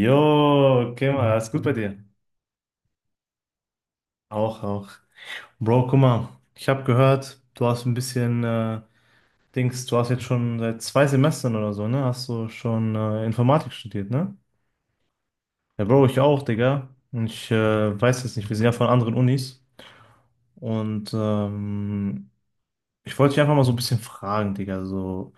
Jo, okay, mal, alles gut bei dir? Auch, auch. Bro, guck mal, ich habe gehört, du hast ein bisschen Dings, du hast jetzt schon seit 2 Semestern oder so, ne? Hast du schon Informatik studiert, ne? Ja, Bro, ich auch, Digga. Und ich weiß jetzt nicht, wir sind ja von anderen Unis. Und ich wollte dich einfach mal so ein bisschen fragen, Digga, so.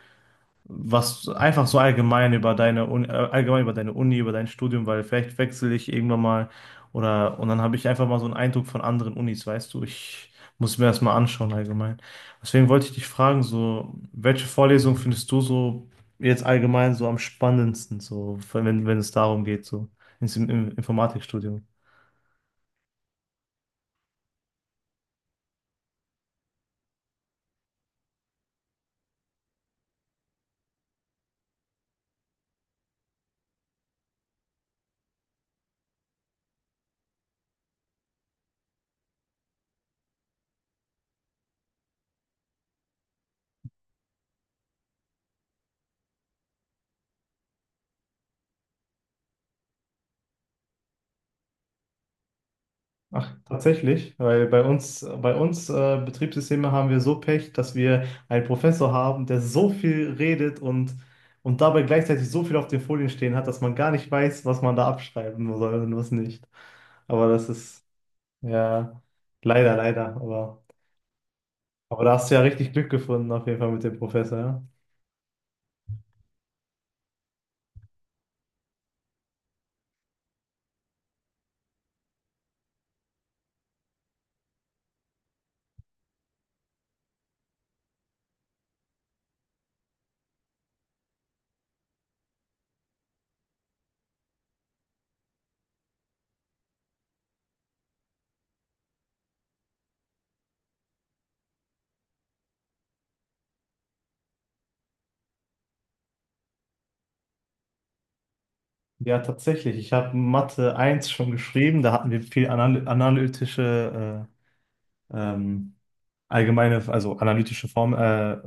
Was einfach so allgemein über deine Uni, über dein Studium, weil vielleicht wechsle ich irgendwann mal oder und dann habe ich einfach mal so einen Eindruck von anderen Unis, weißt du, ich muss mir das mal anschauen allgemein. Deswegen wollte ich dich fragen, so welche Vorlesung findest du so jetzt allgemein so am spannendsten, so wenn es darum geht, so im Informatikstudium? Ach, tatsächlich, weil bei uns, bei uns Betriebssysteme haben wir so Pech, dass wir einen Professor haben, der so viel redet und dabei gleichzeitig so viel auf den Folien stehen hat, dass man gar nicht weiß, was man da abschreiben soll und was nicht. Aber das ist, ja, leider, leider. Aber da hast du ja richtig Glück gefunden, auf jeden Fall mit dem Professor, ja. Ja, tatsächlich. Ich habe Mathe 1 schon geschrieben. Da hatten wir viel analytische, äh, ähm, allgemeine, also analytische Form,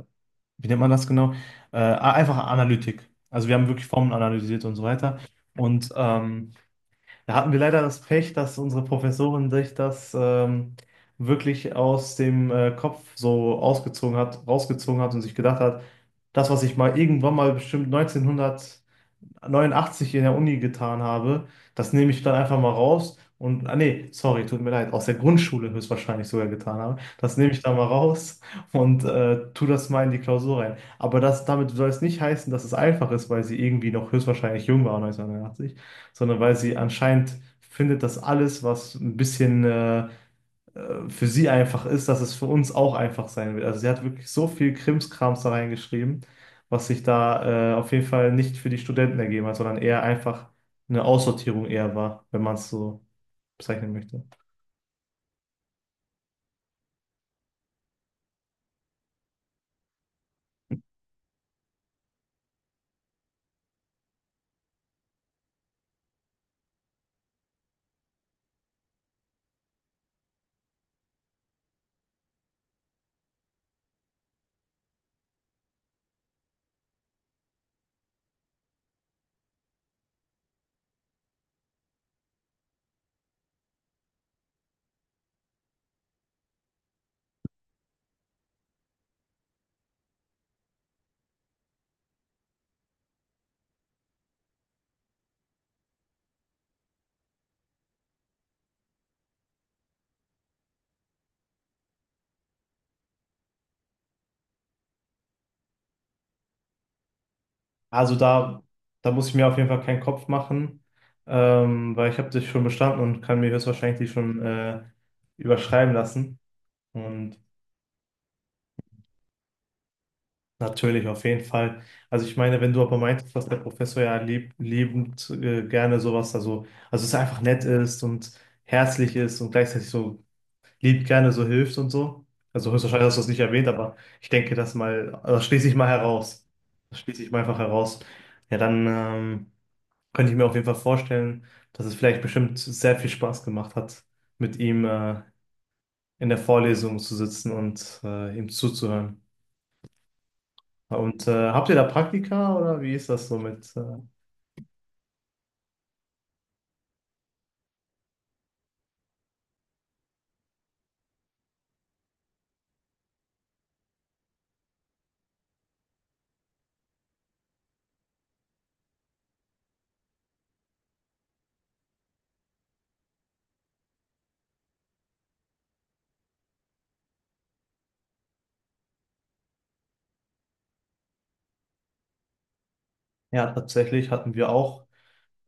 wie nennt man das genau? Einfach Analytik. Also wir haben wirklich Formeln analysiert und so weiter. Und da hatten wir leider das Pech, dass unsere Professorin sich das wirklich aus dem Kopf so ausgezogen hat, rausgezogen hat und sich gedacht hat, das, was ich mal irgendwann mal bestimmt 1900 89 in der Uni getan habe, das nehme ich dann einfach mal raus und, ah nee, sorry, tut mir leid, aus der Grundschule höchstwahrscheinlich sogar getan habe, das nehme ich dann mal raus und tu das mal in die Klausur rein. Aber das, damit soll es nicht heißen, dass es einfach ist, weil sie irgendwie noch höchstwahrscheinlich jung war, 1989, sondern weil sie anscheinend findet, dass alles, was ein bisschen für sie einfach ist, dass es für uns auch einfach sein wird. Also sie hat wirklich so viel Krimskrams da reingeschrieben, was sich da auf jeden Fall nicht für die Studenten ergeben hat, sondern eher einfach eine Aussortierung eher war, wenn man es so bezeichnen möchte. Also da muss ich mir auf jeden Fall keinen Kopf machen, weil ich habe das schon bestanden und kann mir höchstwahrscheinlich schon überschreiben lassen. Und natürlich, auf jeden Fall. Also ich meine, wenn du aber meintest, dass der Professor ja liebend gerne sowas, also es einfach nett ist und herzlich ist und gleichzeitig so lieb gerne so hilft und so. Also höchstwahrscheinlich hast du das nicht erwähnt, aber ich denke das mal, also das schließe ich mal heraus. Das schließe ich mal einfach heraus. Ja, dann könnte ich mir auf jeden Fall vorstellen, dass es vielleicht bestimmt sehr viel Spaß gemacht hat, mit ihm in der Vorlesung zu sitzen und ihm zuzuhören. Und habt ihr da Praktika oder wie ist das so mit? Ja, tatsächlich hatten wir auch,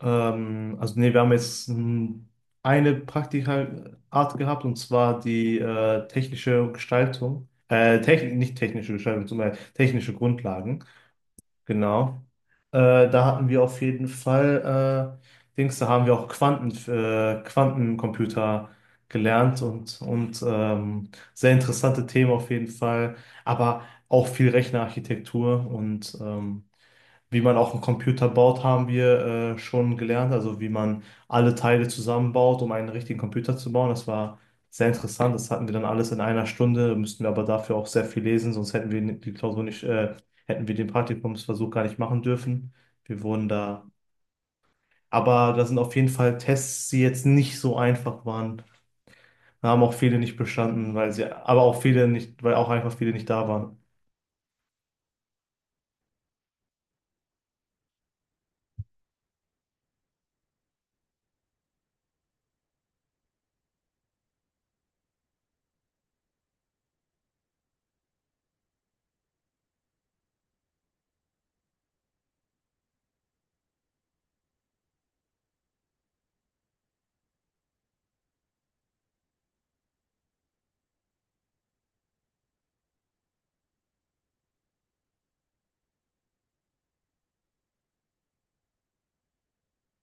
also nee, wir haben jetzt eine Praktika-Art gehabt und zwar die technische Gestaltung, techn nicht technische Gestaltung, sondern technische Grundlagen. Genau. Da hatten wir auf jeden Fall, Dings, da haben wir auch Quantencomputer gelernt und sehr interessante Themen auf jeden Fall, aber auch viel Rechnerarchitektur und wie man auch einen Computer baut, haben wir schon gelernt. Also wie man alle Teile zusammenbaut, um einen richtigen Computer zu bauen. Das war sehr interessant. Das hatten wir dann alles in einer Stunde. Müssten wir aber dafür auch sehr viel lesen, sonst hätten wir die Klausur nicht, hätten wir den Praktikumsversuch gar nicht machen dürfen. Wir wurden da. Aber da sind auf jeden Fall Tests, die jetzt nicht so einfach waren. Da haben auch viele nicht bestanden, weil sie, aber auch viele nicht, weil auch einfach viele nicht da waren.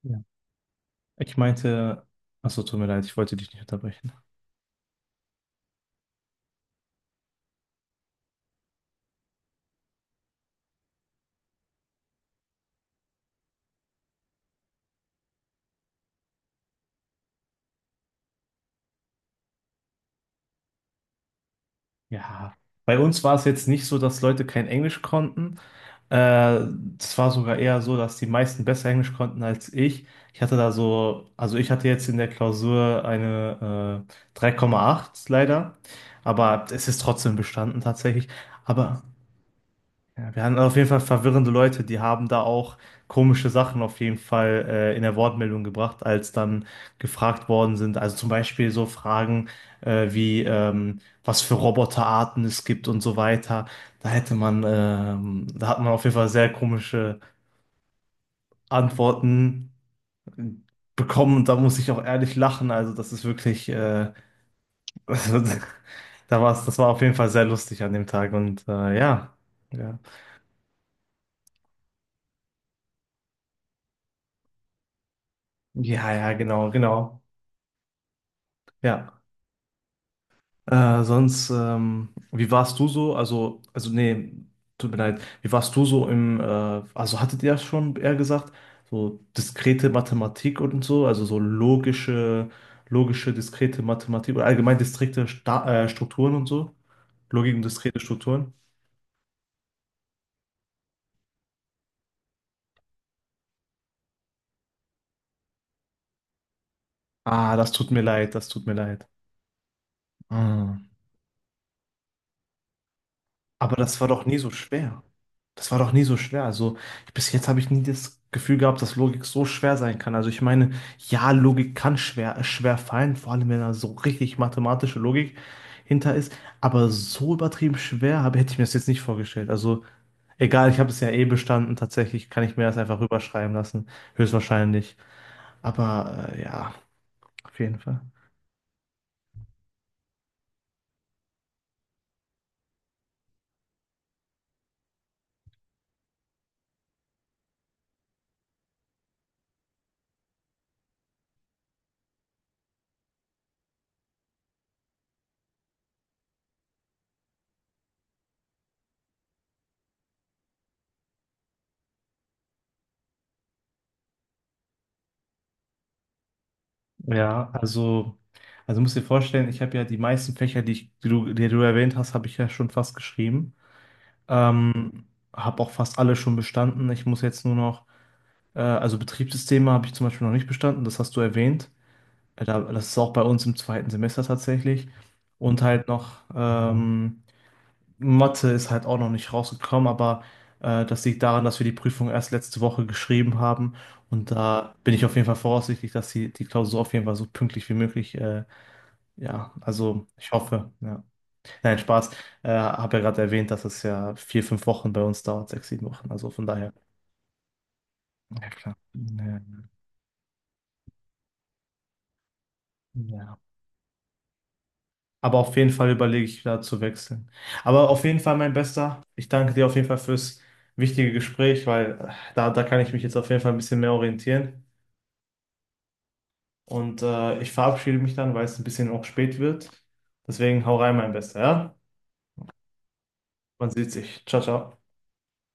Ja. Ich meinte, achso, tut mir leid, ich wollte dich nicht unterbrechen. Ja, bei uns war es jetzt nicht so, dass Leute kein Englisch konnten. Äh, Es war sogar eher so, dass die meisten besser Englisch konnten als ich. Ich hatte da so, also ich hatte jetzt in der Klausur eine 3,8 leider, aber es ist trotzdem bestanden tatsächlich. Aber ja, wir haben auf jeden Fall verwirrende Leute, die haben da auch komische Sachen auf jeden Fall in der Wortmeldung gebracht, als dann gefragt worden sind. Also zum Beispiel so Fragen wie, was für Roboterarten es gibt und so weiter. Da hat man auf jeden Fall sehr komische Antworten bekommen und da muss ich auch ehrlich lachen. Also das ist wirklich, also, da war's, das war auf jeden Fall sehr lustig an dem Tag und ja. Ja, ja, ja, genau, genau. Ja. Sonst, wie warst du so? Also nee, tut mir leid. Wie warst du so im, also hattet ihr ja schon eher gesagt, so diskrete Mathematik und so, also so logische, diskrete Mathematik oder allgemein diskrete Sta Strukturen und so? Logik und diskrete Strukturen? Ah, das tut mir leid, das tut mir leid. Ah. Aber das war doch nie so schwer. Das war doch nie so schwer. Also bis jetzt habe ich nie das Gefühl gehabt, dass Logik so schwer sein kann. Also ich meine, ja, Logik kann schwer, schwer fallen, vor allem wenn da so richtig mathematische Logik hinter ist. Aber so übertrieben schwer hätte ich mir das jetzt nicht vorgestellt. Also egal, ich habe es ja eh bestanden. Tatsächlich kann ich mir das einfach rüberschreiben lassen. Höchstwahrscheinlich. Aber ja, auf jeden Fall. Ja, also musst dir vorstellen, ich habe ja die meisten Fächer, die du erwähnt hast, habe ich ja schon fast geschrieben. Ähm, Habe auch fast alle schon bestanden. Ich muss jetzt nur noch, also Betriebssysteme habe ich zum Beispiel noch nicht bestanden, das hast du erwähnt. Da, das ist auch bei uns im zweiten Semester tatsächlich. Und halt noch, Mathe ist halt auch noch nicht rausgekommen, aber das liegt daran, dass wir die Prüfung erst letzte Woche geschrieben haben. Und da bin ich auf jeden Fall voraussichtlich, dass die Klausur auf jeden Fall so pünktlich wie möglich, ja, also ich hoffe, ja. Nein, Spaß. Habe ja gerade erwähnt, dass es ja 4, 5 Wochen bei uns dauert, 6, 7 Wochen. Also von daher. Ja, klar. Ja. Ja. Aber auf jeden Fall überlege ich da zu wechseln. Aber auf jeden Fall, mein Bester, ich danke dir auf jeden Fall fürs wichtige Gespräch, weil da kann ich mich jetzt auf jeden Fall ein bisschen mehr orientieren. Und ich verabschiede mich dann, weil es ein bisschen auch spät wird. Deswegen hau rein, mein Bester, ja? Man sieht sich. Ciao, ciao.